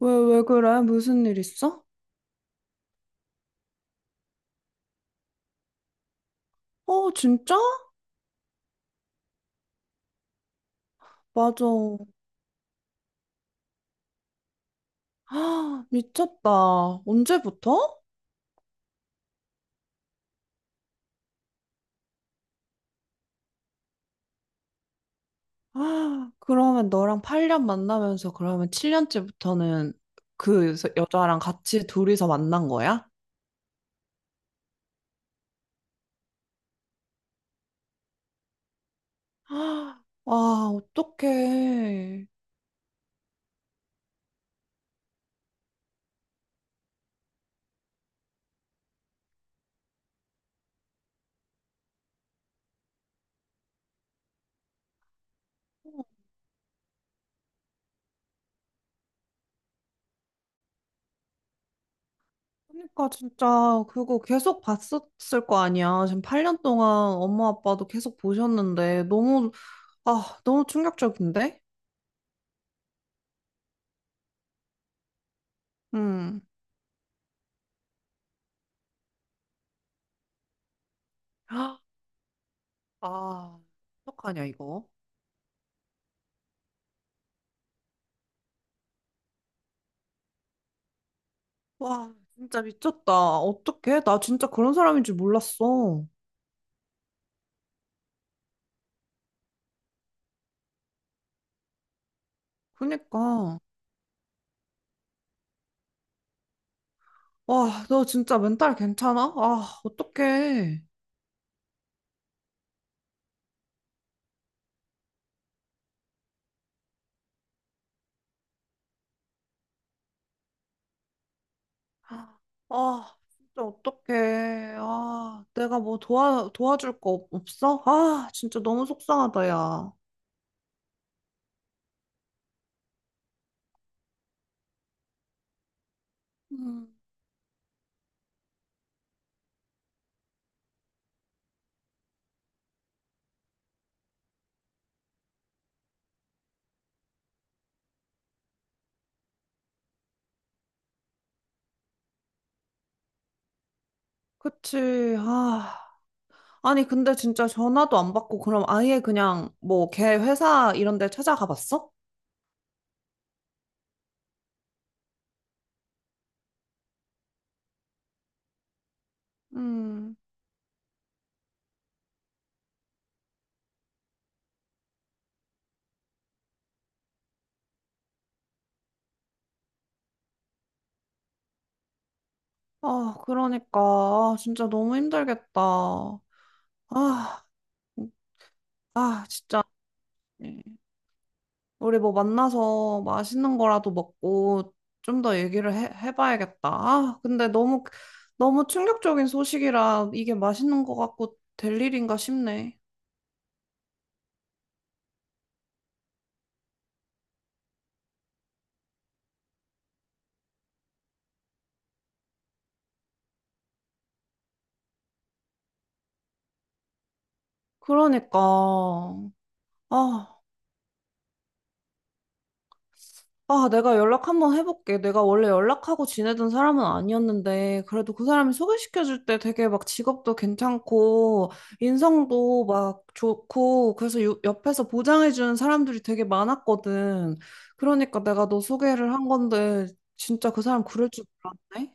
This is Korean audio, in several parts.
왜 그래? 무슨 일 있어? 어, 진짜? 맞아. 아, 미쳤다. 언제부터? 아, 그러면 너랑 8년 만나면서 그러면 7년째부터는 그 여자랑 같이 둘이서 만난 거야? 아, 와, 어떡해. 어, 그러니까 진짜 그거 계속 봤었을 거 아니야. 지금 8년 동안 엄마 아빠도 계속 보셨는데 너무, 아, 너무 충격적인데? 음. 아, 어떡하냐, 이거. 와, 진짜 미쳤다. 어떡해? 나 진짜 그런 사람인 줄 몰랐어. 그니까. 와, 너 진짜 멘탈 괜찮아? 아, 어떡해. 아, 진짜 어떡해. 아, 내가 뭐 도와줄 거 없어? 아, 진짜 너무 속상하다, 야. 음, 그치. 아. 아니, 근데 진짜 전화도 안 받고, 그럼 아예 그냥 뭐 걔 회사 이런 데 찾아가 봤어? 음. 아, 그러니까. 아, 진짜 너무 힘들겠다. 아, 음, 아, 진짜. 우리 뭐 만나서 맛있는 거라도 먹고 좀 더 얘기를 해봐야겠다. 아, 근데 너무, 너무 충격적인 소식이라 이게 맛있는 거 같고 될 일인가 싶네. 그러니까. 아. 아, 내가 연락 한번 해볼게. 내가 원래 연락하고 지내던 사람은 아니었는데, 그래도 그 사람이 소개시켜줄 때 되게 막 직업도 괜찮고, 인성도 막 좋고, 그래서 옆에서 보장해주는 사람들이 되게 많았거든. 그러니까 내가 너 소개를 한 건데, 진짜 그 사람 그럴 줄 몰랐네?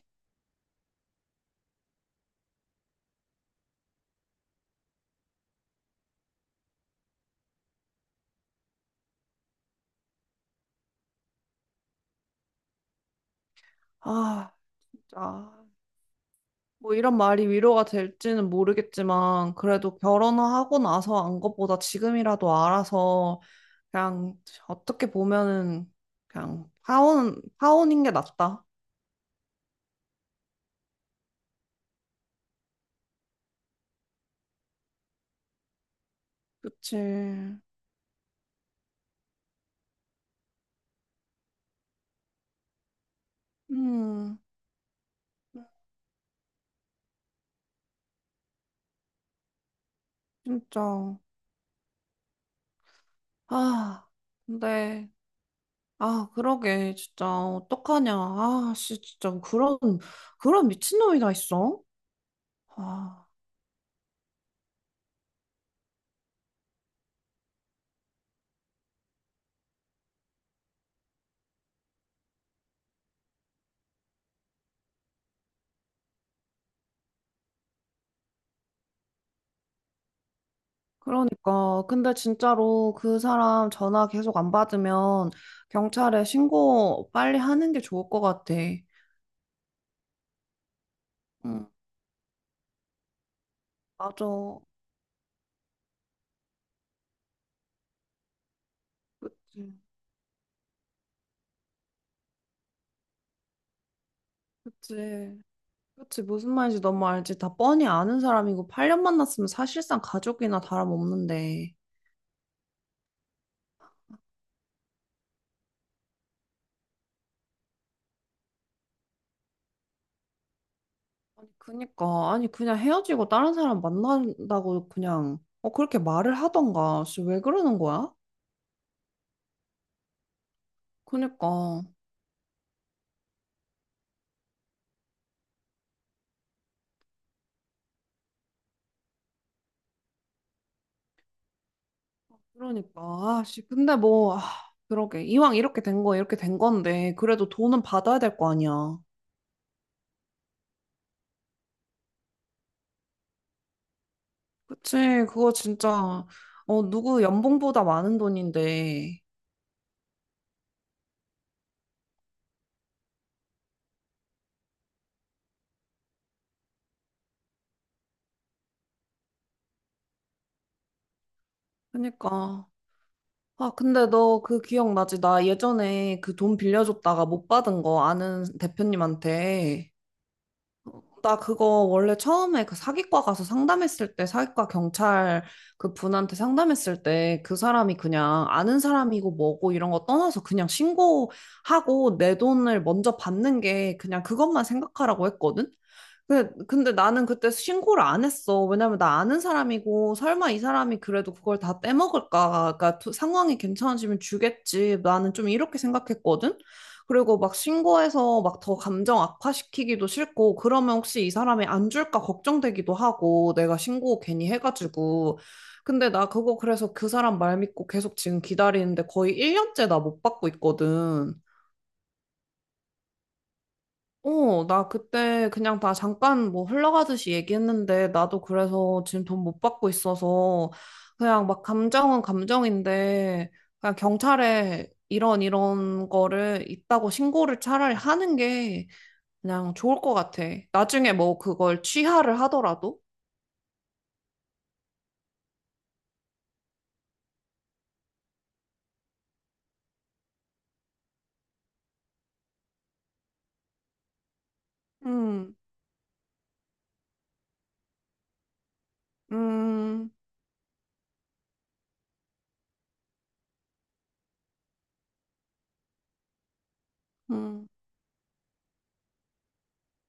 아, 진짜. 뭐 이런 말이 위로가 될지는 모르겠지만, 그래도 결혼하고 나서 안 것보다 지금이라도 알아서 그냥 어떻게 보면은 그냥 파혼인 게 낫다. 그치. 음, 진짜. 아, 근데 아, 그러게 진짜 어떡하냐. 아, 씨 진짜 그런 미친놈이 다 있어. 아, 그러니까 근데 진짜로 그 사람 전화 계속 안 받으면 경찰에 신고 빨리 하는 게 좋을 것 같아. 응, 맞아. 그치, 그치. 그치, 무슨 말인지 너무 알지. 다 뻔히 아는 사람이고, 8년 만났으면 사실상 가족이나 다름없는데. 아니, 그니까. 아니, 그냥 헤어지고 다른 사람 만난다고 그냥, 어, 그렇게 말을 하던가. 씨, 왜 그러는 거야? 그니까. 그러니까. 아, 씨, 근데 뭐, 아, 그러게. 이왕 이렇게 된 거, 이렇게 된 건데, 그래도 돈은 받아야 될 거 아니야. 그치, 그거 진짜, 어, 누구 연봉보다 많은 돈인데. 그니까. 아, 근데 너 그 기억나지? 나 예전에 그 돈 빌려줬다가 못 받은 거 아는 대표님한테. 나 그거 원래 처음에 그 사기과 가서 상담했을 때, 사기과 경찰 그 분한테 상담했을 때 그 사람이 그냥 아는 사람이고 뭐고 이런 거 떠나서 그냥 신고하고 내 돈을 먼저 받는 게 그냥 그것만 생각하라고 했거든? 근데 나는 그때 신고를 안 했어. 왜냐면 나 아는 사람이고, 설마 이 사람이 그래도 그걸 다 빼먹을까? 그러니까 상황이 괜찮아지면 주겠지. 나는 좀 이렇게 생각했거든? 그리고 막 신고해서 막 더 감정 악화시키기도 싫고, 그러면 혹시 이 사람이 안 줄까 걱정되기도 하고, 내가 신고 괜히 해가지고. 근데 나 그거 그래서 그 사람 말 믿고 계속 지금 기다리는데 거의 1년째 나 못 받고 있거든. 어, 나 그때 그냥 다 잠깐 뭐 흘러가듯이 얘기했는데, 나도 그래서 지금 돈 못 받고 있어서, 그냥 막 감정은 감정인데, 그냥 경찰에 이런 거를 있다고 신고를 차라리 하는 게 그냥 좋을 것 같아. 나중에 뭐 그걸 취하를 하더라도. 음, 음, 음.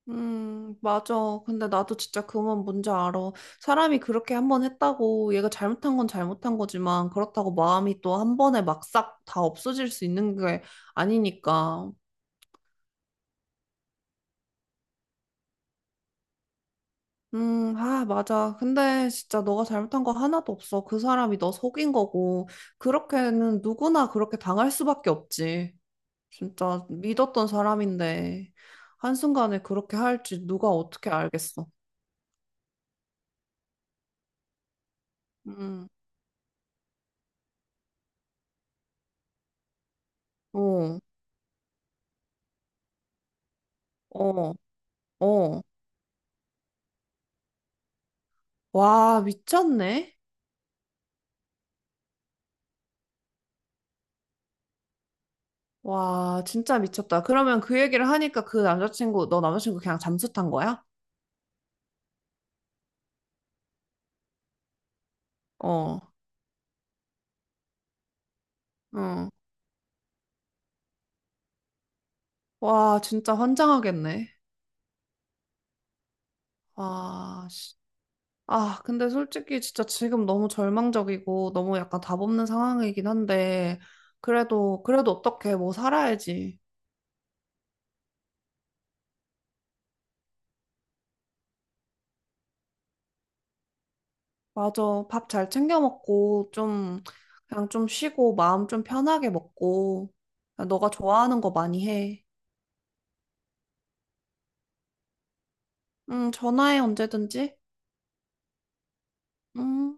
맞아. 근데 나도 진짜 그건 뭔지 알아. 사람이 그렇게 한 번 했다고 얘가 잘못한 건 잘못한 거지만 그렇다고 마음이 또 한 번에 막 싹 다 없어질 수 있는 게 아니니까. 아, 맞아. 근데 진짜 너가 잘못한 거 하나도 없어. 그 사람이 너 속인 거고. 그렇게는 누구나 그렇게 당할 수밖에 없지. 진짜 믿었던 사람인데 한순간에 그렇게 할지 누가 어떻게 알겠어. 음, 어, 어, 어. 와, 미쳤네. 와, 진짜 미쳤다. 그러면 그 얘기를 하니까 너 남자친구 그냥 잠수 탄 거야? 어, 응. 와, 진짜 환장하겠네. 와, 씨. 아, 근데 솔직히 진짜 지금 너무 절망적이고 너무 약간 답 없는 상황이긴 한데, 그래도 어떻게 뭐 살아야지. 맞아. 밥 잘 챙겨 먹고, 좀, 그냥 좀 쉬고, 마음 좀 편하게 먹고, 너가 좋아하는 거 많이 해. 응, 전화해, 언제든지. 응.